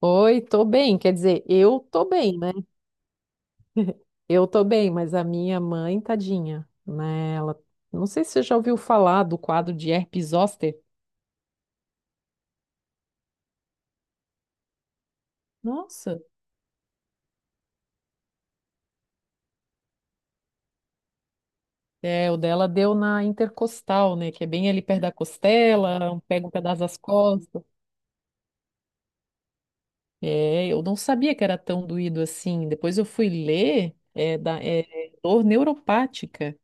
Oi, tô bem. Quer dizer, eu tô bem, né? Eu tô bem, mas a minha mãe, tadinha, né? Não sei se você já ouviu falar do quadro de herpes zoster. Nossa, o dela deu na intercostal, né? Que é bem ali perto da costela, pega um pedaço das costas. É, eu não sabia que era tão doído assim. Depois eu fui ler, é, da, é dor neuropática.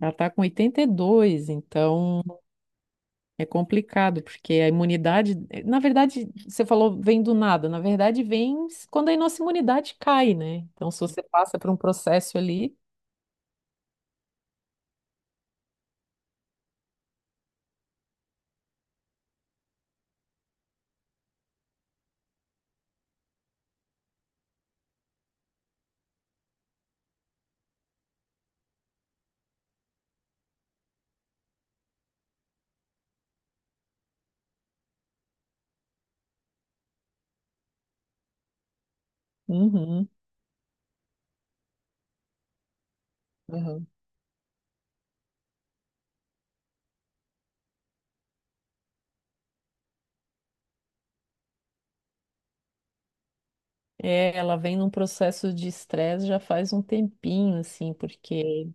Ela tá com 82, então. É complicado, porque a imunidade, na verdade, você falou vem do nada, na verdade vem quando a nossa imunidade cai, né? Então, se você passa por um processo ali, uhum, uhum. É, ela vem num processo de estresse já faz um tempinho, assim, porque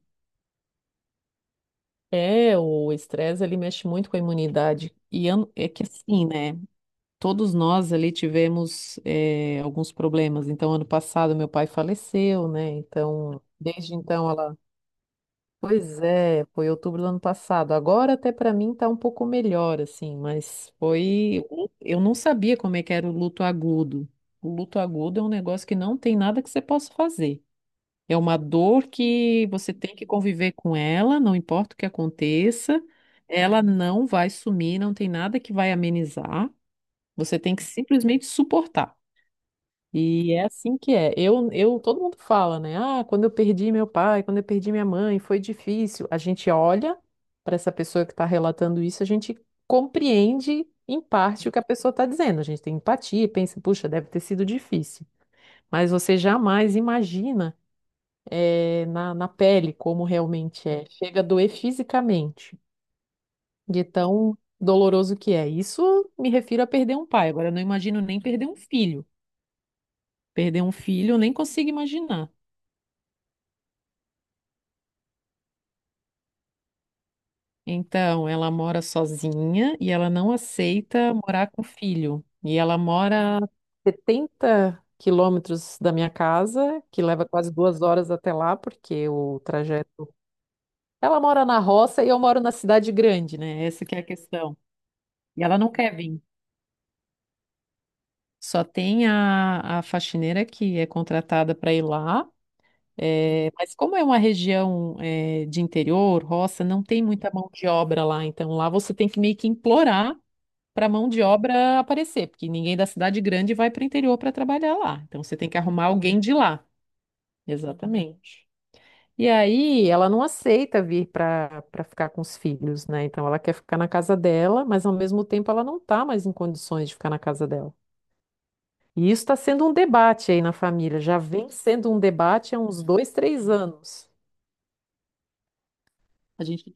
o estresse ele mexe muito com a imunidade. E é que assim, né? Todos nós ali tivemos alguns problemas. Então, ano passado, meu pai faleceu, né? Então, desde então. Ela Pois é, foi outubro do ano passado. Agora até para mim tá um pouco melhor, assim. Eu não sabia como é que era o luto agudo. O luto agudo é um negócio que não tem nada que você possa fazer. É uma dor que você tem que conviver com ela, não importa o que aconteça, ela não vai sumir, não tem nada que vai amenizar. Você tem que simplesmente suportar. E é assim que é. Todo mundo fala, né? Ah, quando eu perdi meu pai, quando eu perdi minha mãe, foi difícil. A gente olha para essa pessoa que está relatando isso, a gente compreende em parte o que a pessoa está dizendo. A gente tem empatia e pensa, puxa, deve ter sido difícil. Mas você jamais imagina na pele como realmente é. Chega a doer fisicamente, de tão doloroso que é. Isso me refiro a perder um pai. Agora, eu não imagino nem perder um filho. Perder um filho, eu nem consigo imaginar. Então, ela mora sozinha e ela não aceita morar com o filho. E ela mora a 70 quilômetros da minha casa, que leva quase 2 horas até lá, porque o trajeto. Ela mora na roça e eu moro na cidade grande, né? Essa que é a questão. E ela não quer vir. Só tem a faxineira que é contratada para ir lá. Mas como é uma região, de interior, roça, não tem muita mão de obra lá. Então lá você tem que meio que implorar para mão de obra aparecer, porque ninguém da cidade grande vai para o interior para trabalhar lá. Então você tem que arrumar alguém de lá. Exatamente. E aí ela não aceita vir para ficar com os filhos, né? Então ela quer ficar na casa dela, mas ao mesmo tempo ela não está mais em condições de ficar na casa dela. E isso está sendo um debate aí na família, já vem sendo um debate há uns dois, três anos. A gente,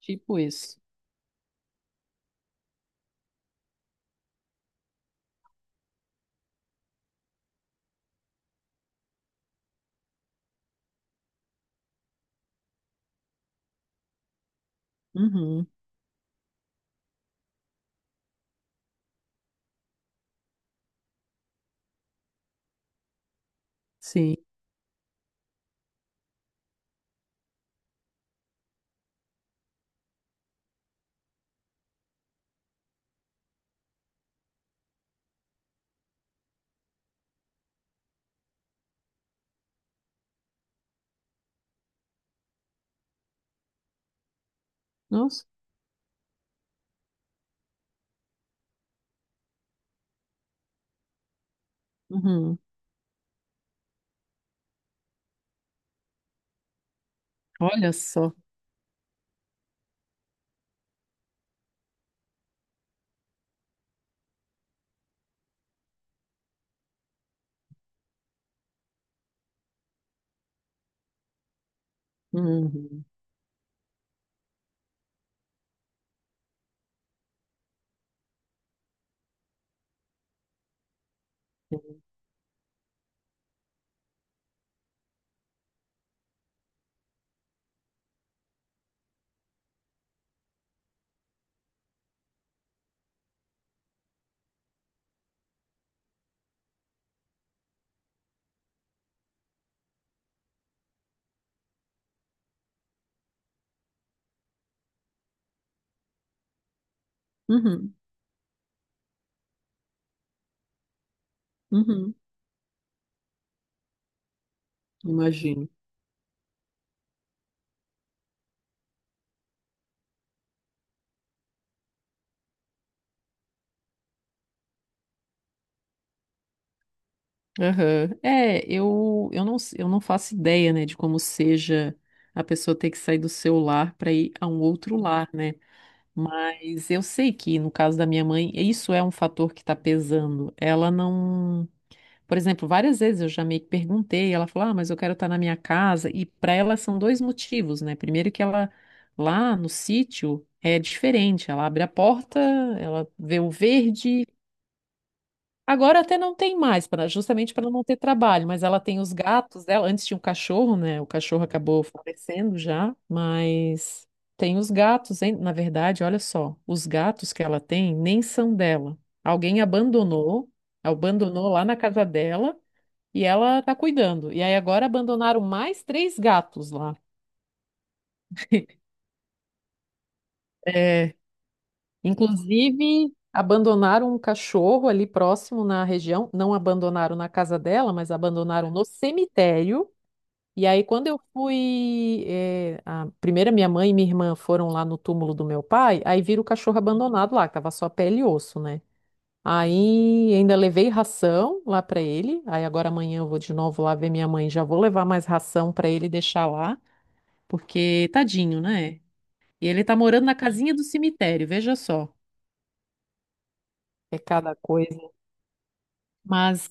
tipo isso. Uhum, sim. Nossa. Uhum. Olha só. Uhum. Uhum. Uhum. Imagino. Aham. É, eu não faço ideia, né, de como seja a pessoa ter que sair do seu lar para ir a um outro lar, né? Mas eu sei que no caso da minha mãe, isso é um fator que está pesando. Ela não. Por exemplo, várias vezes eu já meio que perguntei, ela falou: "Ah, mas eu quero estar na minha casa." E para ela são dois motivos, né? Primeiro, que ela lá no sítio é diferente, ela abre a porta, ela vê o verde. Agora até não tem mais, justamente para não ter trabalho, mas ela tem os gatos dela. Antes tinha um cachorro, né? O cachorro acabou falecendo já, mas tem os gatos, hein? Na verdade, olha só, os gatos que ela tem nem são dela. Alguém abandonou lá na casa dela e ela tá cuidando. E aí agora abandonaram mais três gatos lá. É, inclusive, abandonaram um cachorro ali próximo na região. Não abandonaram na casa dela, mas abandonaram no cemitério. E aí, quando eu fui, eh, a primeira minha mãe e minha irmã foram lá no túmulo do meu pai, aí viram o cachorro abandonado lá, que tava só pele e osso, né? Aí ainda levei ração lá pra ele. Aí agora amanhã eu vou de novo lá ver minha mãe, já vou levar mais ração pra ele deixar lá, porque tadinho, né? E ele tá morando na casinha do cemitério, veja só. É cada coisa. Mas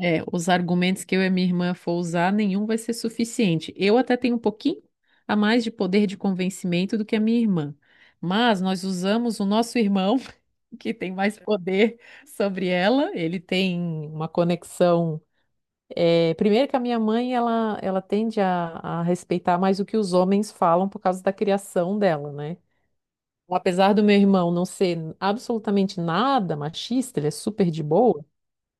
Os argumentos que eu e a minha irmã for usar, nenhum vai ser suficiente. Eu até tenho um pouquinho a mais de poder de convencimento do que a minha irmã. Mas nós usamos o nosso irmão, que tem mais poder sobre ela. Ele tem uma conexão. É, primeiro que a minha mãe, ela tende a respeitar mais o que os homens falam por causa da criação dela, né? Apesar do meu irmão não ser absolutamente nada machista, ele é super de boa.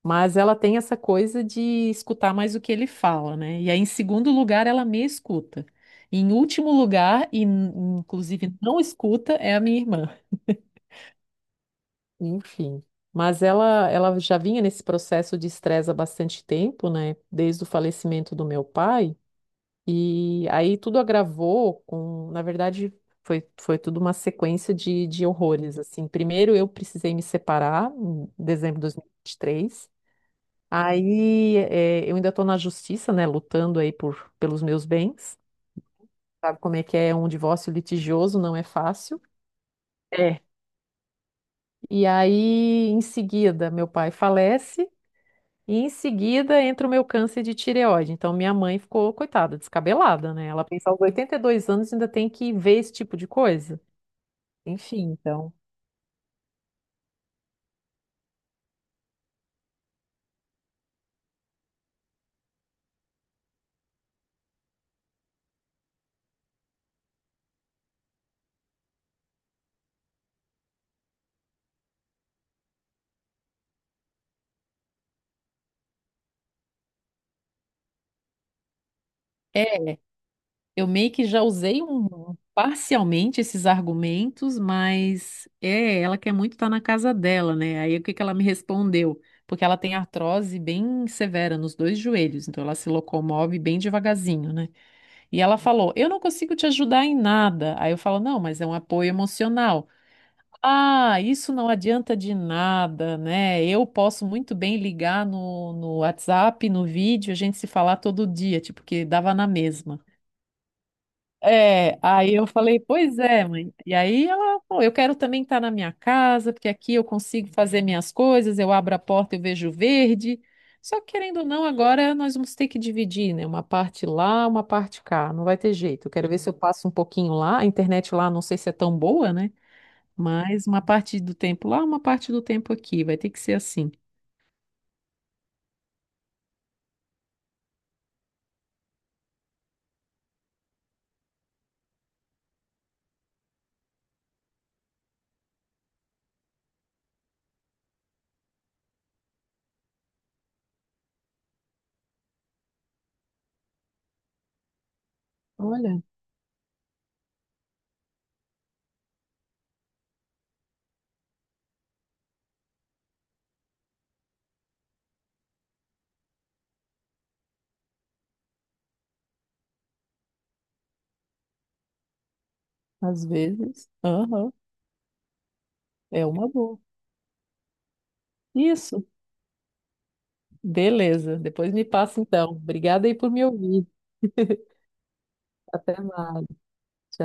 Mas ela tem essa coisa de escutar mais o que ele fala, né? E aí, em segundo lugar, ela me escuta. E em último lugar, inclusive não escuta, é a minha irmã. Enfim. Mas ela já vinha nesse processo de estresse há bastante tempo, né? Desde o falecimento do meu pai. E aí tudo agravou na verdade, foi tudo uma sequência de horrores, assim. Primeiro eu precisei me separar em dezembro de 2023. Aí eu ainda estou na justiça, né, lutando aí pelos meus bens. Sabe como é que é um divórcio litigioso, não é fácil. É. E aí, em seguida, meu pai falece e em seguida entra o meu câncer de tireoide. Então, minha mãe ficou, coitada, descabelada, né? Ela pensa aos 82 anos ainda tem que ver esse tipo de coisa. Enfim, então. É, eu meio que já usei parcialmente esses argumentos, mas ela quer muito estar na casa dela, né? Aí o que que ela me respondeu? Porque ela tem artrose bem severa nos dois joelhos, então ela se locomove bem devagarzinho, né? E ela falou: "Eu não consigo te ajudar em nada." Aí eu falo: "Não, mas é um apoio emocional." Ah, isso não adianta de nada, né? Eu posso muito bem ligar no WhatsApp, no vídeo, a gente se falar todo dia, tipo, que dava na mesma. É, aí eu falei, pois é, mãe. E aí ela falou, eu quero também estar na minha casa, porque aqui eu consigo fazer minhas coisas, eu abro a porta e eu vejo verde. Só que querendo ou não, agora nós vamos ter que dividir, né? Uma parte lá, uma parte cá. Não vai ter jeito. Eu quero ver se eu passo um pouquinho lá. A internet lá não sei se é tão boa, né? Mas uma parte do tempo lá, uma parte do tempo aqui. Vai ter que ser assim. Olha, às vezes, aham, é uma boa. Isso. Beleza, depois me passa então. Obrigada aí por me ouvir. Até mais. Tchau.